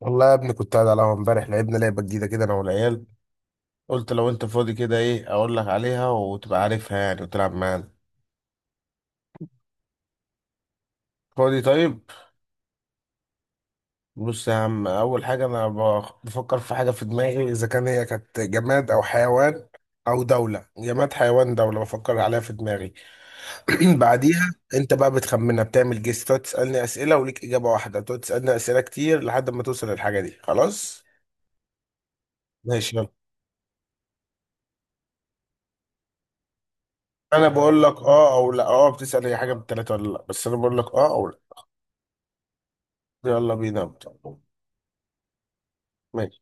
والله يا ابني، كنت قاعد على القهوة امبارح. لعبنا لعبة جديدة كده أنا والعيال. قلت لو أنت فاضي كده، إيه أقول لك عليها وتبقى عارفها يعني وتلعب معانا. فاضي؟ طيب، بص يا عم. أول حاجة أنا بفكر في حاجة في دماغي، إذا كان هي كانت جماد أو حيوان أو دولة. جماد، حيوان، دولة، بفكر عليها في دماغي. بعديها أنت بقى بتخمنها، بتعمل جيس، تقعد تسألني أسئلة وليك إجابة واحدة، تقعد تسألني أسئلة كتير لحد ما توصل للحاجة دي، خلاص. ماشي يلا. انا بقول لك اه او لا. اه، بتسال اي حاجه من الثلاثه ولا لا، بس انا بقول لك اه او لا. يلا بينا أبدأ. ماشي.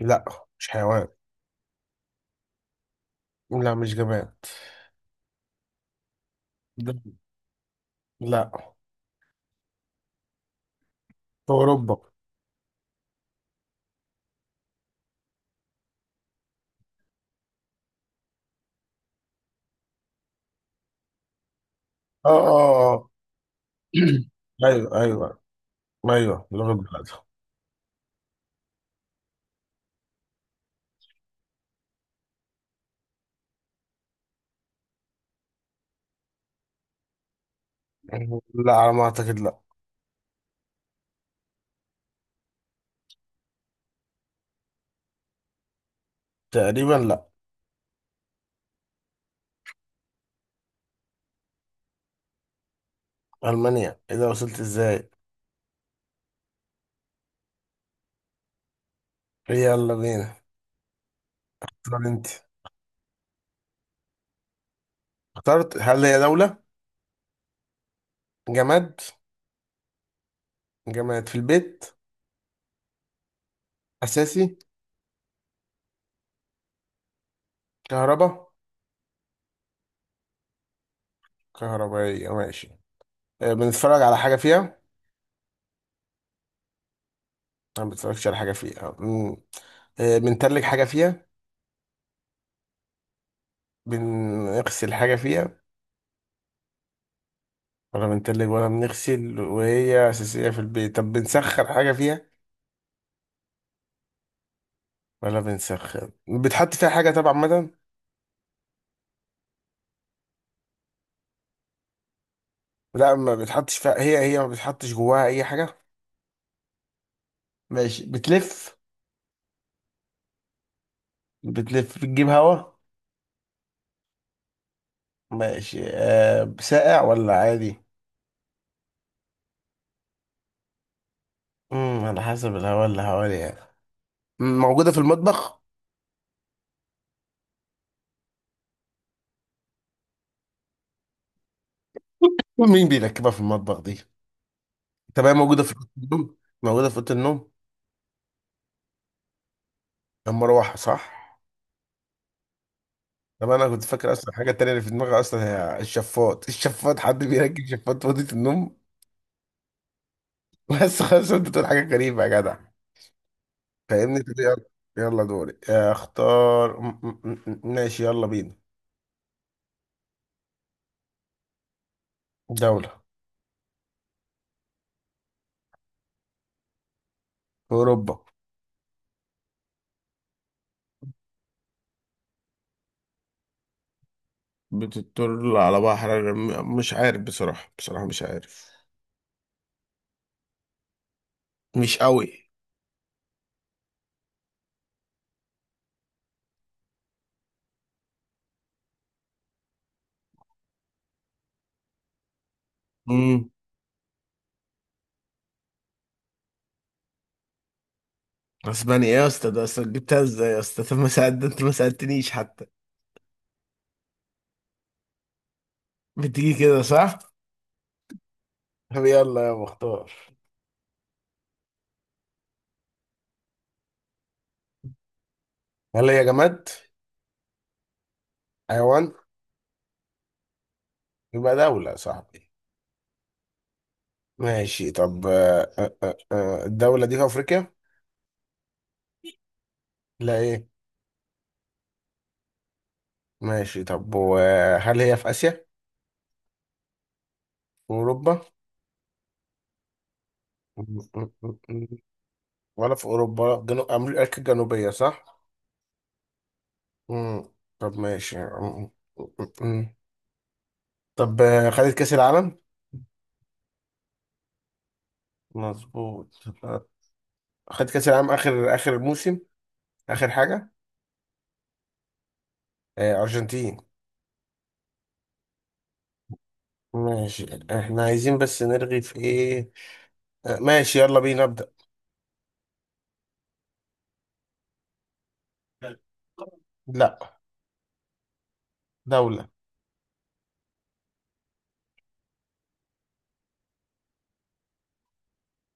لا، مش حيوان. لا، مش جماد. دولة. لا. في أوروبا. اه اه اه. أيوه أيوه. أيوه، لغة بلادها. لا، على ما أعتقد لا. تقريبا لا. ألمانيا؟ إيه ده، وصلت إزاي؟ يلا بينا. اختار أنت. اخترت. هل هي دولة؟ جماد؟ جماد في البيت؟ أساسي؟ كهرباء؟ كهربائية، ماشي. آه، بنتفرج على حاجة فيها؟ ما بنتفرجش على حاجة فيها. آه، بنتلج حاجة فيها؟ بنغسل حاجة فيها؟ ولا بنتلج ولا بنغسل وهي أساسية في البيت. طب بنسخن حاجة فيها؟ ولا بنسخن. بتحط فيها حاجة طبعا مدام. لا، ما بتحطش فيها. هي ما بتحطش جواها أي حاجة. ماشي، بتلف. بتلف، بتجيب هوا. ماشي، أه، ساقع ولا عادي؟ على حسب الهوا اللي حوالي يعني. موجودة في المطبخ؟ مين بيركبها في المطبخ دي؟ طب هي موجودة في أوضة النوم؟ موجودة في أوضة النوم. المروحة، صح؟ طب انا كنت فاكر اصلا الحاجه التانيه اللي في دماغي اصلا هي الشفاط. الشفاط! حد بيركب شفاط في اوضه النوم؟ بس خلاص، انت بتقول حاجه غريبه يا جدع. فاهمني؟ طب يلا. يلا دوري. اختار ماشي، يلا بينا. دوله في اوروبا. بتطل على بحر؟ مش عارف، بصراحة بصراحة مش عارف. مش قوي. امم اسبانيا؟ ايه يا اسطى، ده اصلا جبتها ازاي يا اسطى؟ طب ما ساعد، انت ما ساعدتنيش حتى. بتيجي كده صح؟ طب يلا يا مختار. هل هي جماد؟ حيوان؟ يبقى دولة يا صاحبي. ماشي. طب آه، آه، آه، آه، الدولة دي في أفريقيا؟ لا إيه؟ ماشي. طب وهل هي في آسيا؟ في أوروبا؟ م- م- م- م. ولا في أوروبا؟ ولا في جنوب أمريكا الجنوبية، صح؟ مم. طب ماشي م- م- م. طب آه، خدت كأس العالم؟ مظبوط. آه، خدت كأس العالم آخر آخر موسم، آخر حاجة؟ آه، أرجنتين. ماشي. احنا عايزين بس نرغي في إيه؟ آه، ماشي يلا بينا نبدأ. لا. دولة.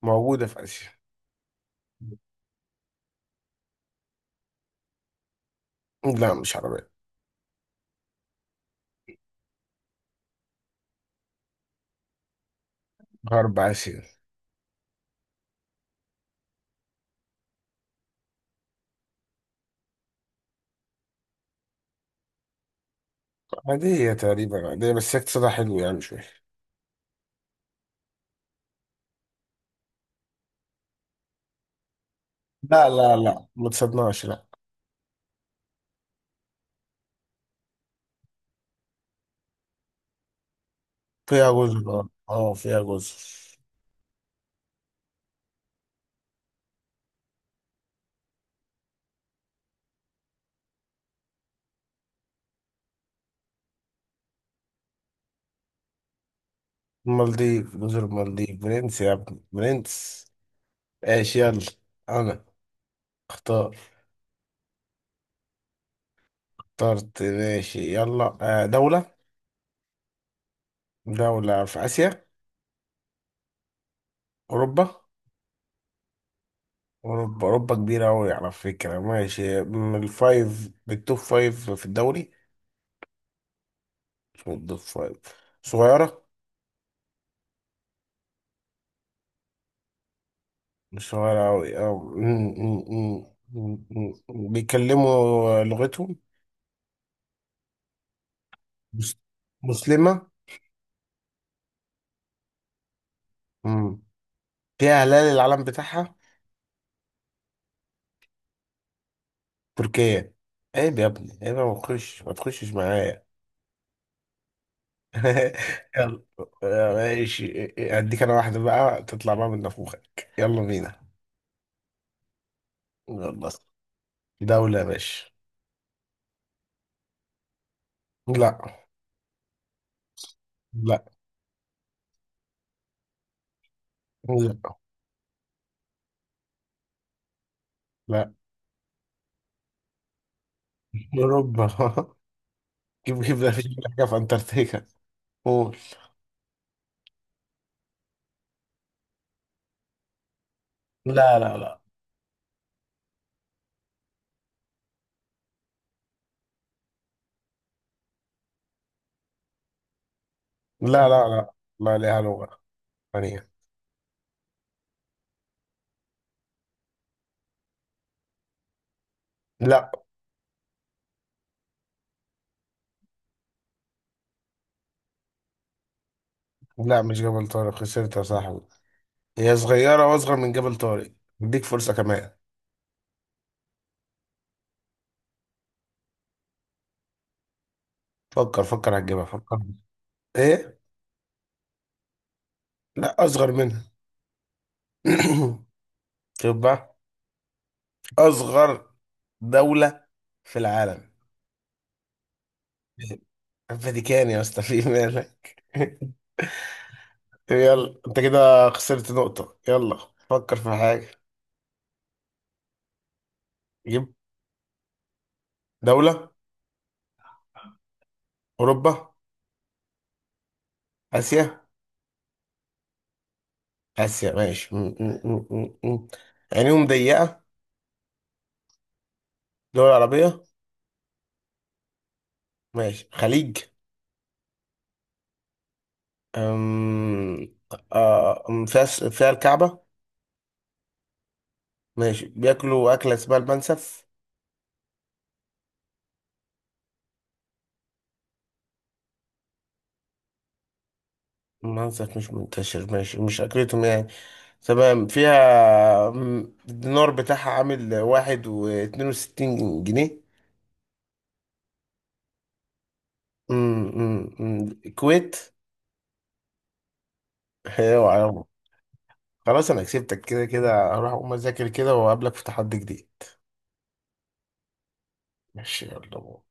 موجودة في آسيا. لا، مش عربية. غرب آسيا. عادية، تقريبا عادية، بس هي اقتصادها حلو يعني مش وحش. لا لا لا، ما تصدقناش لا. فيها جزر، اه آه، فيها جزر. المالديف؟ جزر المالديف، برنس يا ابني، برنس. ايش يلا. انا اختار. اخترت. ماشي يلا. آه، دولة. دولة في آسيا؟ أوروبا. أوروبا، أوروبا كبيرة أوي على فكرة. ماشي، من الفايف بالتوب فايف في الدوري؟ مش من التوب فايف. صغيرة. شوارعوي اه. أمم، أمم، أمم، أمم، أمم. بيتكلموا لغتهم. مس- مسلمة. أمم. فيها هلال العلم بتاعها. تركيا؟ عيب يا ابني عيب يا، ما تخش ما تخشش معايا. يلا. يا ماشي، اديك انا واحدة بقى تطلع بقى من نافوخك. يلا بينا. يلا. دولة يا باشا. لا. لا. لا. لا. اوروبا. جيب جيب، ده مفيش حاجة في انتاركتيكا. قول. لا لا لا. لا. لا لا. ما لها لغة ثانية. لا. لا، مش جبل طارق. خسرت يا صاحبي. هي صغيرة وأصغر من جبل طارق. اديك فرصة كمان. فكر فكر، هتجيبها. فكر. إيه؟ لا، أصغر منها. شوف بقى. أصغر دولة في العالم. الفاتيكان يا اسطى، في مالك؟ طب يلا، أنت كده خسرت نقطة. يلا، فكر في حاجة. جيب. دولة. أوروبا؟ آسيا؟ آسيا، ماشي م- م- م- م- م. عينيهم ضيقة؟ دول عربية. ماشي، خليج. أم... آه، فيها فيها الكعبة؟ ماشي، بياكلوا أكلة اسمها المنسف؟ المنسف مش منتشر، ماشي مش أكلتهم يعني. تمام، فيها الدينار بتاعها عامل واحد واتنين وستين جنيه. أم، أم، أم. الكويت؟ هي وعلى. خلاص أنا كسبتك كده كده، هروح أقوم أذاكر كده وأقابلك في تحدي جديد. ماشي يلا.